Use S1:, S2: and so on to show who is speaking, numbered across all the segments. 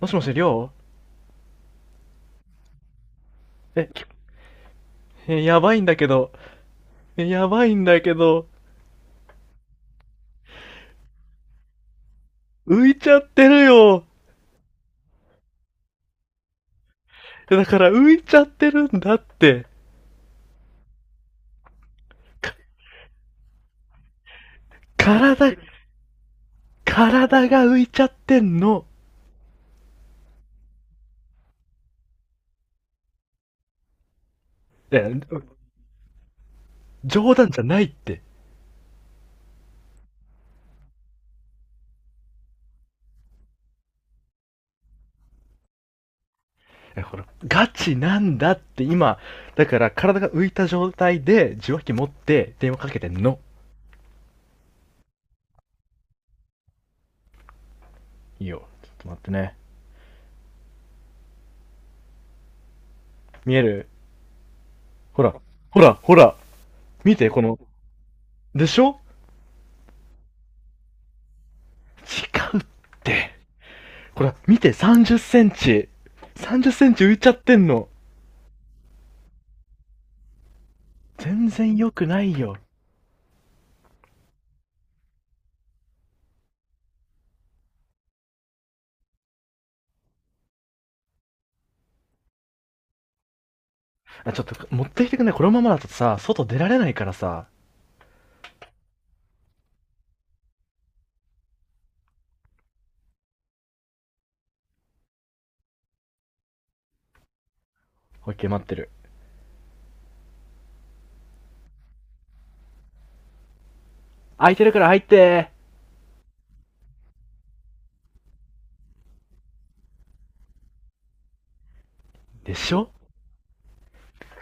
S1: もしもし、りょう。え、え、やばいんだけど。え、やばいんだけど。浮いちゃってるよ。だから浮いちゃってるんだって。体、体が浮いちゃってんの。え、冗談じゃないって。え、ほら、ガチなんだって今。だから体が浮いた状態で受話器持って電話かけてんの。いいよ。ちょっと待ってね。見える？ほら、ほら、ほら。見て、この。でしょ？違うって。ほら、見て、30センチ。30センチ浮いちゃってんの。全然良くないよ。あ、ちょっと、持ってきてくんない？このままだとさ、外出られないからさ。オッケー、待ってる。空いてるから入って。ーでしょ？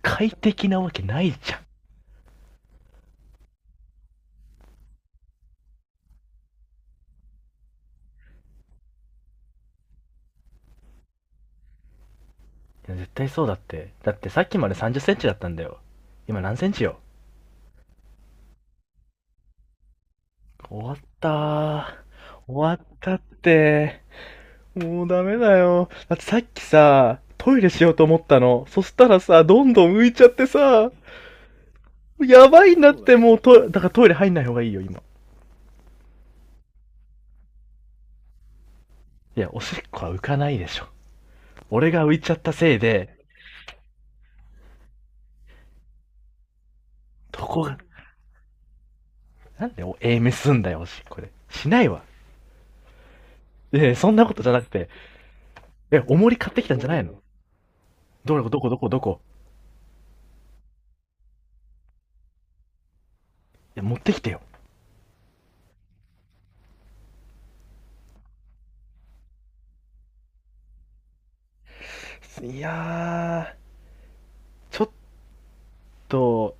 S1: 快適なわけないじゃん。絶対そうだって。だってさっきまで30センチだったんだよ。今何センチよ？終わったー。終わったって。もうダメだよ。だってさっきさ、トイレしようと思ったの。そしたらさ、どんどん浮いちゃってさ、やばいんだって、もうト、だからトイレ入んない方がいいよ、今。いや、おしっこは浮かないでしょ。俺が浮いちゃったせいで、どこが、なんでお、エメすんだよ、おしっこで。しないわ。え、そんなことじゃなくて、え、重り買ってきたんじゃないの？どこ、どこどこどこ？いや、持ってきてよ。いやー、ちょっと、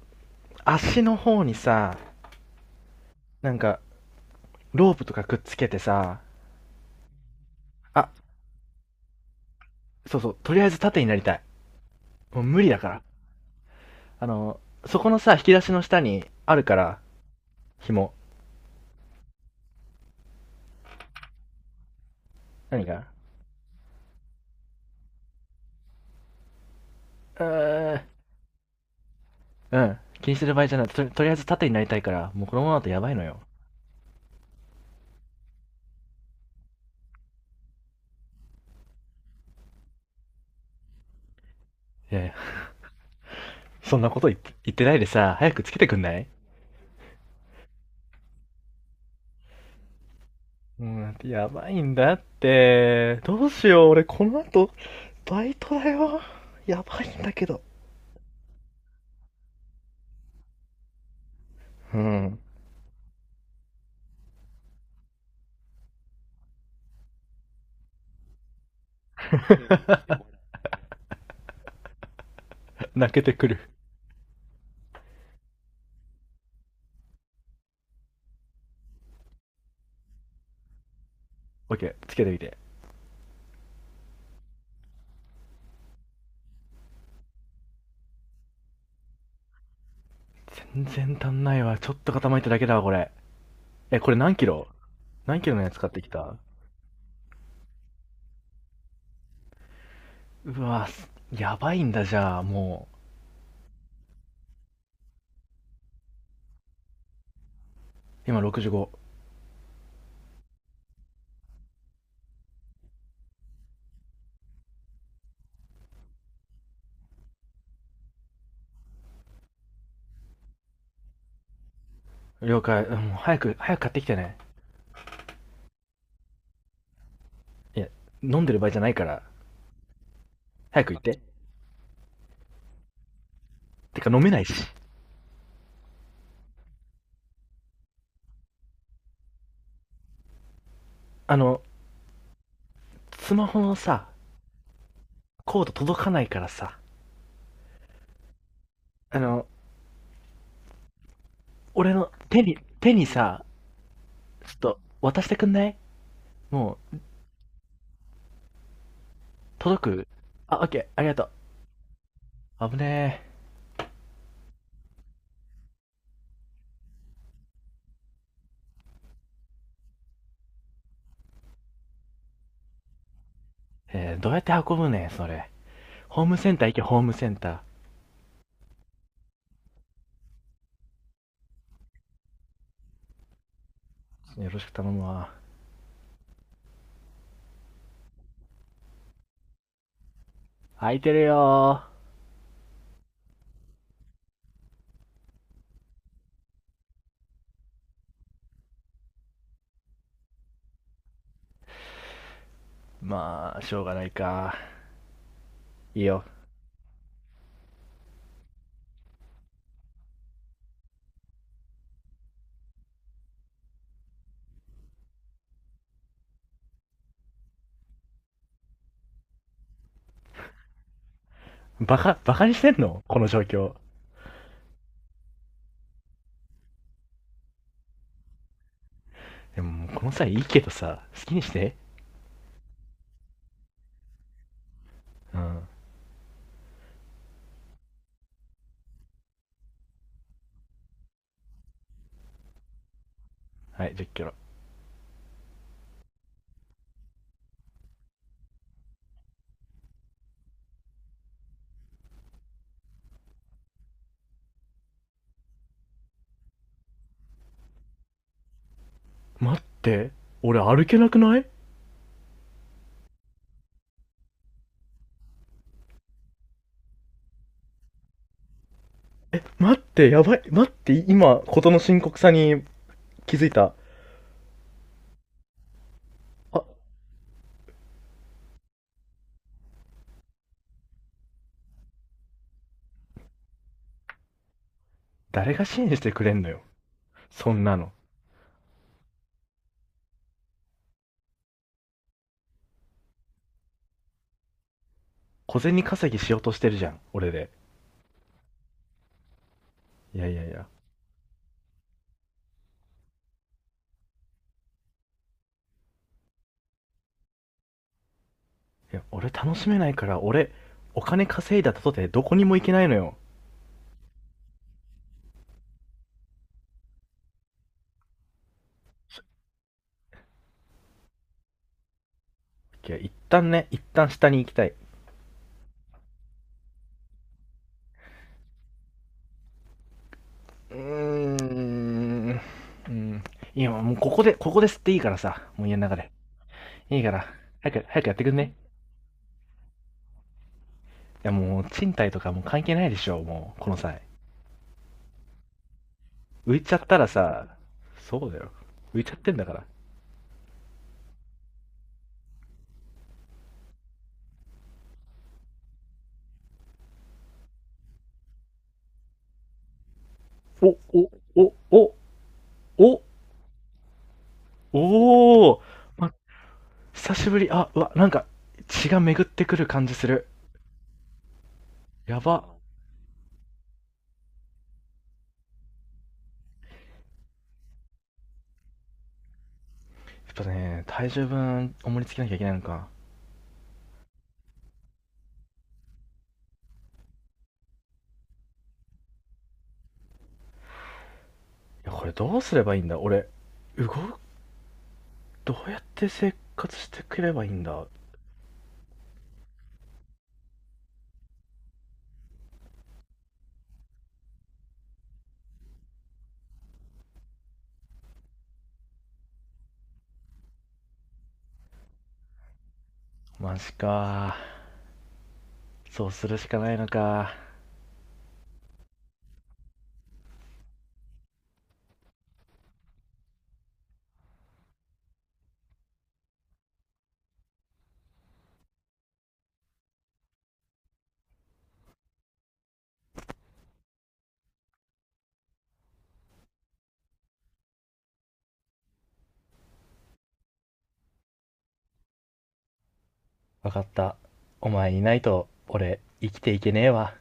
S1: 足の方にさ、なんか、ロープとかくっつけてさ、あ、そうそう、とりあえず縦になりたい。もう無理だから。あの、そこのさ、引き出しの下にあるから、紐。何か？うんうん、気にする場合じゃないと、とりあえず縦になりたいから、もうこのままだとやばいのよ。いやいや、そんなこと言ってないでさ、早くつけてくんない？うん、やばいんだって。どうしよう、俺この後、バイトだよ。やばいんだけど。うん。泣けてくる。オッケー、つけてみて。全然足んないわ、ちょっと傾いただけだわ、これ。え、これ何キロ？何キロのやつ買ってきた？うわ、すやばいんだ、じゃあもう。今65。了解。うん、もう早く早く買ってきてね。いや、飲んでる場合じゃないから、早く行って。てか飲めないし。あの、スマホのさ、コード届かないからさ、あの、俺の手にさ、ちょっと渡してくんない？もう。届く？あ、オッケー、ありがとう。危ねえ。どうやって運ぶねん、それ。ホームセンター行け、ホームセンター。よろしく頼むわ。空いてるよー。まあ、しょうがないか。いいよ。バカ、バカにしてんのこの状況。でも、もうこの際いいけどさ、好きにして。うん。はい、10キロ。待って、俺歩けなくない？待って、やばい。待って、今、ことの深刻さに気づいた。あ、誰が支援してくれんのよ。そんなの。小銭稼ぎしようとしてるじゃん、俺で。いやいやいや。いや、俺楽しめないから、俺、お金稼いだとてどこにも行けないのよ。いや、一旦ね、一旦下に行きたい。うーん。うん。いや、もうここで、ここで吸っていいからさ。もう家の中で。いいから。早く、早くやってくんね？やもう、賃貸とかもう関係ないでしょ、もう、この際。浮いちゃったらさ、そうだよ。浮いちゃってんだから。お、お、お、お、お、おお、ま、久しぶり。あ、うわ、なんか、血が巡ってくる感じする。やば。やっぱね、体重分、重りつけなきゃいけないのか。いや、これどうすればいいんだ俺、動く、どうやって生活してくればいいんだ？マジか。そうするしかないのか。わかった。お前いないと、俺、生きていけねえわ。